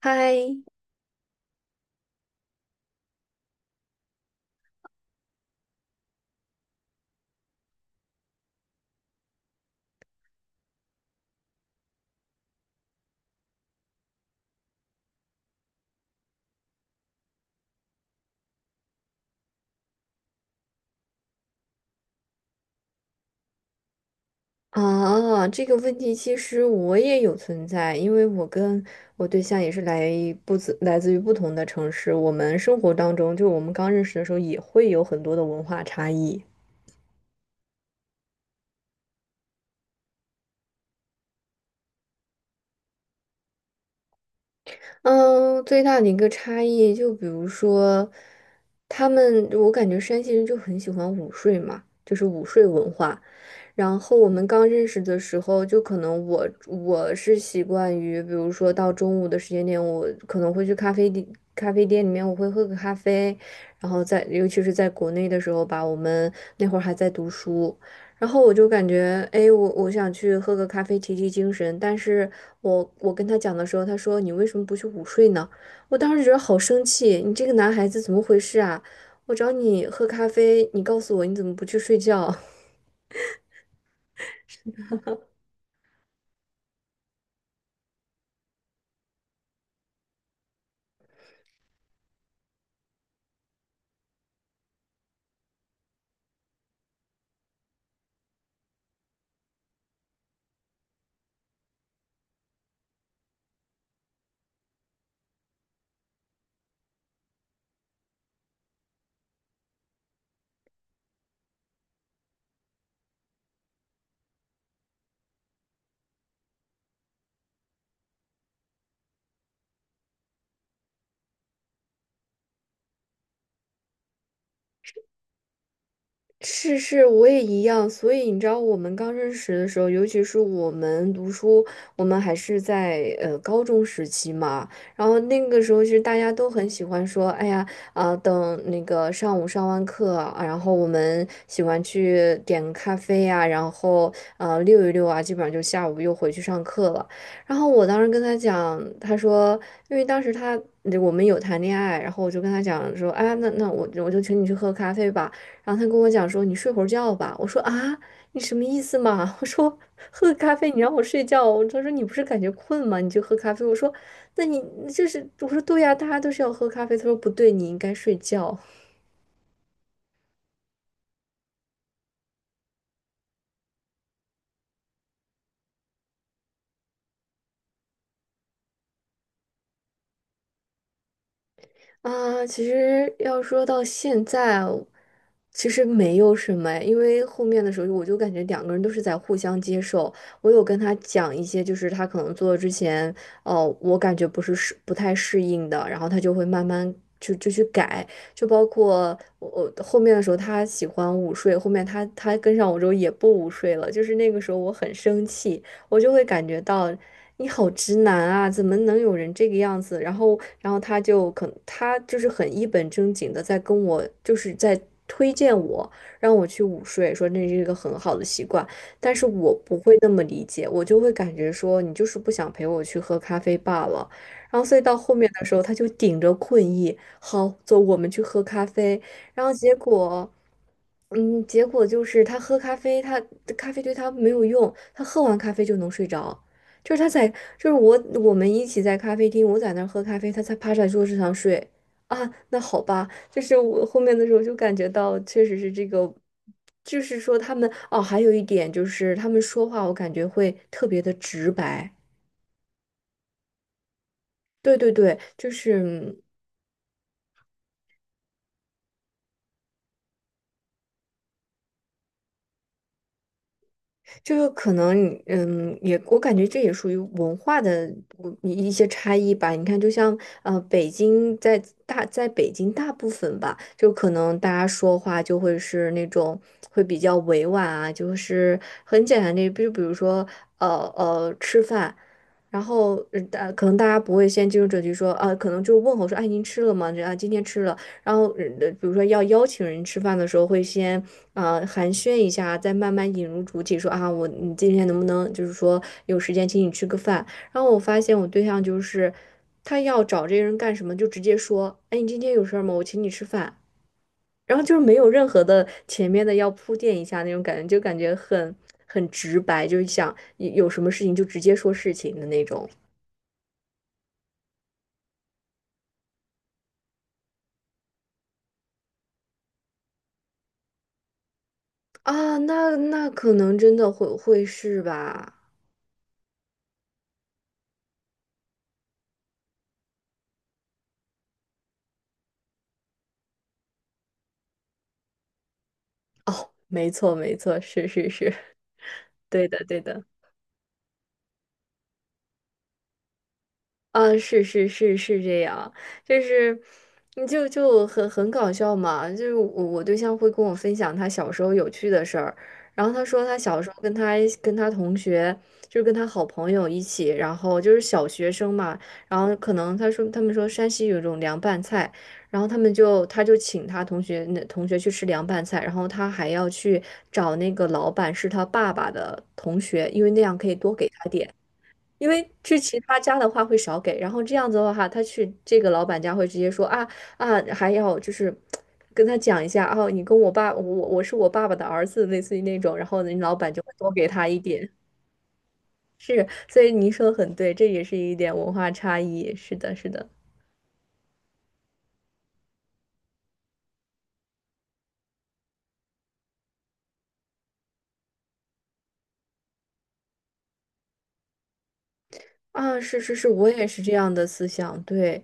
嗨，啊，这个问题其实我也有存在，因为我跟我对象也是来自于不同的城市，我们生活当中，就我们刚认识的时候也会有很多的文化差异。嗯，最大的一个差异，就比如说，我感觉山西人就很喜欢午睡嘛，就是午睡文化。然后我们刚认识的时候，就可能我是习惯于，比如说到中午的时间点，我可能会去咖啡店，咖啡店里面我会喝个咖啡，然后尤其是在国内的时候吧，我们那会儿还在读书，然后我就感觉，哎，我想去喝个咖啡提提精神，但是我跟他讲的时候，他说你为什么不去午睡呢？我当时觉得好生气，你这个男孩子怎么回事啊？我找你喝咖啡，你告诉我你怎么不去睡觉？是是，我也一样。所以你知道，我们刚认识的时候，尤其是我们读书，我们还是在高中时期嘛。然后那个时候，其实大家都很喜欢说，哎呀，啊、等那个上午上完课啊然后我们喜欢去点个咖啡呀、然后溜一溜啊，基本上就下午又回去上课了。然后我当时跟他讲，他说，因为当时我们有谈恋爱，然后我就跟他讲说，哎，那我就请你去喝咖啡吧。然后他跟我讲说你睡会儿觉吧。我说啊，你什么意思嘛？我说喝个咖啡你让我睡觉。他说你不是感觉困吗？你就喝咖啡。我说那你就是我说对呀、大家都是要喝咖啡。他说不对，你应该睡觉。啊，其实要说到现在，其实没有什么，哎，因为后面的时候我就感觉两个人都是在互相接受。我有跟他讲一些，就是他可能做之前，哦，我感觉不太适应的，然后他就会慢慢就去改，就包括我后面的时候，他喜欢午睡，后面他跟上我之后也不午睡了，就是那个时候我很生气，我就会感觉到你好直男啊，怎么能有人这个样子？然后他就是很一本正经的在跟我，就是在推荐我，让我去午睡，说那是一个很好的习惯。但是我不会那么理解，我就会感觉说你就是不想陪我去喝咖啡罢了。然后所以到后面的时候，他就顶着困意，好，走，我们去喝咖啡。然后结果。结果就是他喝咖啡，咖啡对他没有用，他喝完咖啡就能睡着。就是他在，就是我们一起在咖啡厅，我在那儿喝咖啡，他才趴在桌子上睡。啊，那好吧，就是我后面的时候就感觉到，确实是这个，就是说他们还有一点就是他们说话，我感觉会特别的直白。对对对，就是。嗯就是可能你我感觉这也属于文化的不一一些差异吧。你看，就像北京在大在北京大部分吧，就可能大家说话就会是那种会比较委婉啊，就是很简单的，就比如说呃吃饭，然后可能大家不会先进入主题说啊，可能就问候说，哎，您吃了吗？这啊，今天吃了。然后，比如说要邀请人吃饭的时候，会先啊寒暄一下，再慢慢引入主体，说啊，你今天能不能就是说有时间请你吃个饭？然后我发现我对象就是他要找这个人干什么，就直接说，哎，你今天有事儿吗？我请你吃饭。然后就是没有任何的前面的要铺垫一下那种感觉，就感觉很直白，就是想有什么事情就直接说事情的那种啊。那可能真的会是吧？哦，没错，没错，是是是，对的，对的。啊，是是是是这样，就是你就很搞笑嘛，就是我对象会跟我分享他小时候有趣的事儿，然后他说他小时候跟他同学，就是跟他好朋友一起，然后就是小学生嘛，然后可能他说他们说山西有一种凉拌菜，然后他就请他同学那去吃凉拌菜，然后他还要去找那个老板是他爸爸的同学，因为那样可以多给他点。因为去其他家的话会少给，然后这样子的话，他去这个老板家会直接说啊，还要就是跟他讲一下哦，你跟我爸，我是我爸爸的儿子，类似于那种，然后人老板就会多给他一点。是，所以您说的很对，这也是一点文化差异。是的，是的，啊，是是是，我也是这样的思想，对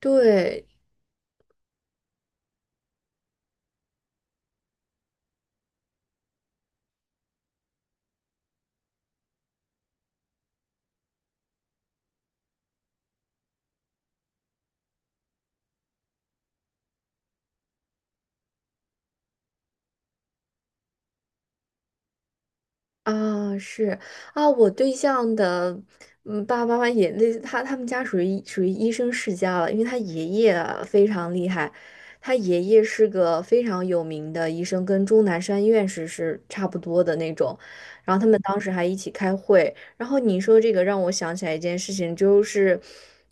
对，啊，是啊，我对象的爸爸妈妈也那他他们家属于属于医生世家了，因为他爷爷啊非常厉害，他爷爷是个非常有名的医生，跟钟南山院士是差不多的那种。然后他们当时还一起开会，然后你说这个让我想起来一件事情，就是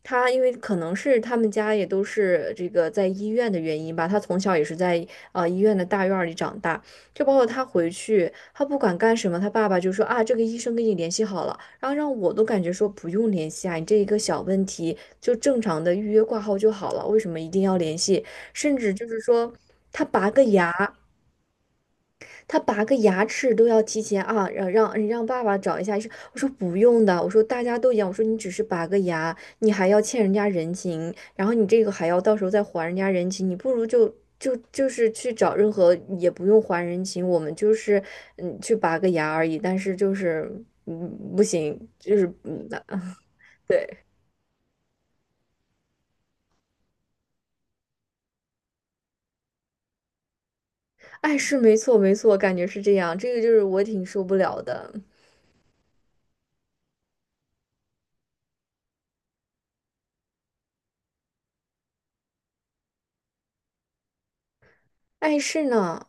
因为可能是他们家也都是这个在医院的原因吧，他从小也是在医院的大院儿里长大。就包括他回去，他不管干什么，他爸爸就说啊，这个医生跟你联系好了，然后让我都感觉说不用联系啊，你这一个小问题就正常的预约挂号就好了，为什么一定要联系？甚至就是说他拔个牙。他拔个牙齿都要提前啊，让爸爸找一下医生。我说不用的，我说大家都一样，我说你只是拔个牙，你还要欠人家人情，然后你这个还要到时候再还人家人情，你不如就是去找任何也不用还人情，我们就是去拔个牙而已，但是就是嗯不行，就是对，哎是没错没错，感觉是这样，这个就是我挺受不了的。碍事呢？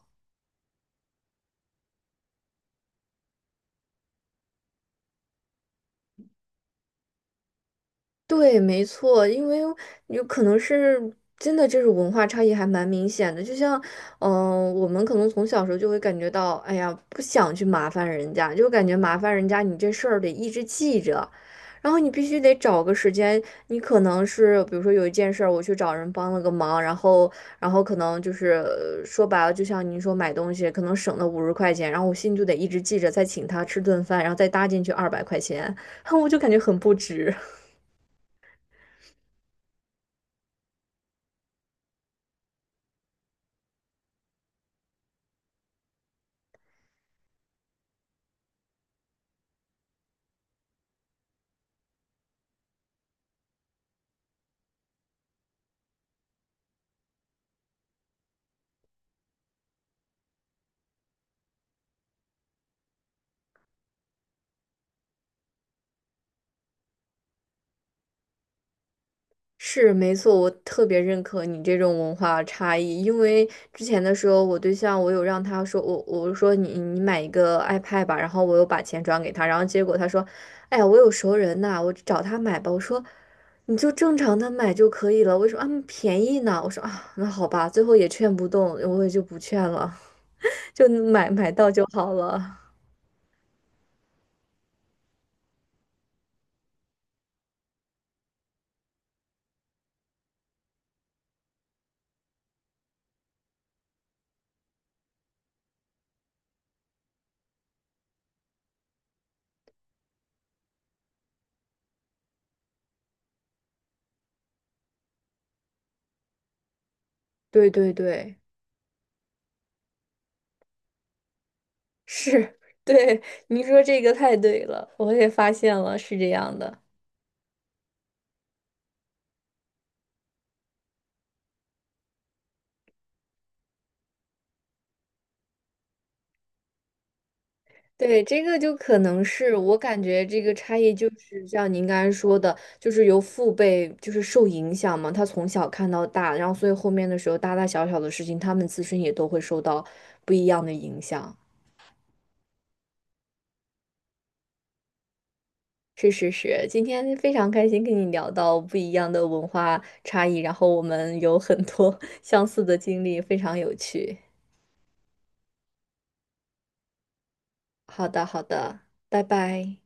对，没错，因为有可能是真的，这种文化差异还蛮明显的。就像，我们可能从小时候就会感觉到，哎呀，不想去麻烦人家，就感觉麻烦人家，你这事儿得一直记着，然后你必须得找个时间，你可能是比如说有一件事儿，我去找人帮了个忙，然后，可能就是说白了，就像您说买东西，可能省了50块钱，然后我心里就得一直记着，再请他吃顿饭，然后再搭进去200块钱，我就感觉很不值。是没错，我特别认可你这种文化差异，因为之前的时候，我对象我有让他说，我说你买一个 iPad 吧，然后我又把钱转给他，然后结果他说，哎呀，我有熟人呐，我找他买吧。我说你就正常的买就可以了，为什么啊便宜呢？我说啊，那好吧，最后也劝不动，我也就不劝了，就买到就好了。对对对，是，对，你说这个太对了，我也发现了，是这样的。对，这个就可能是我感觉这个差异，就是像您刚才说的，就是由父辈就是受影响嘛，他从小看到大，然后所以后面的时候大大小小的事情，他们自身也都会受到不一样的影响。是是是，今天非常开心跟你聊到不一样的文化差异，然后我们有很多 相似的经历，非常有趣。好的好的，拜拜。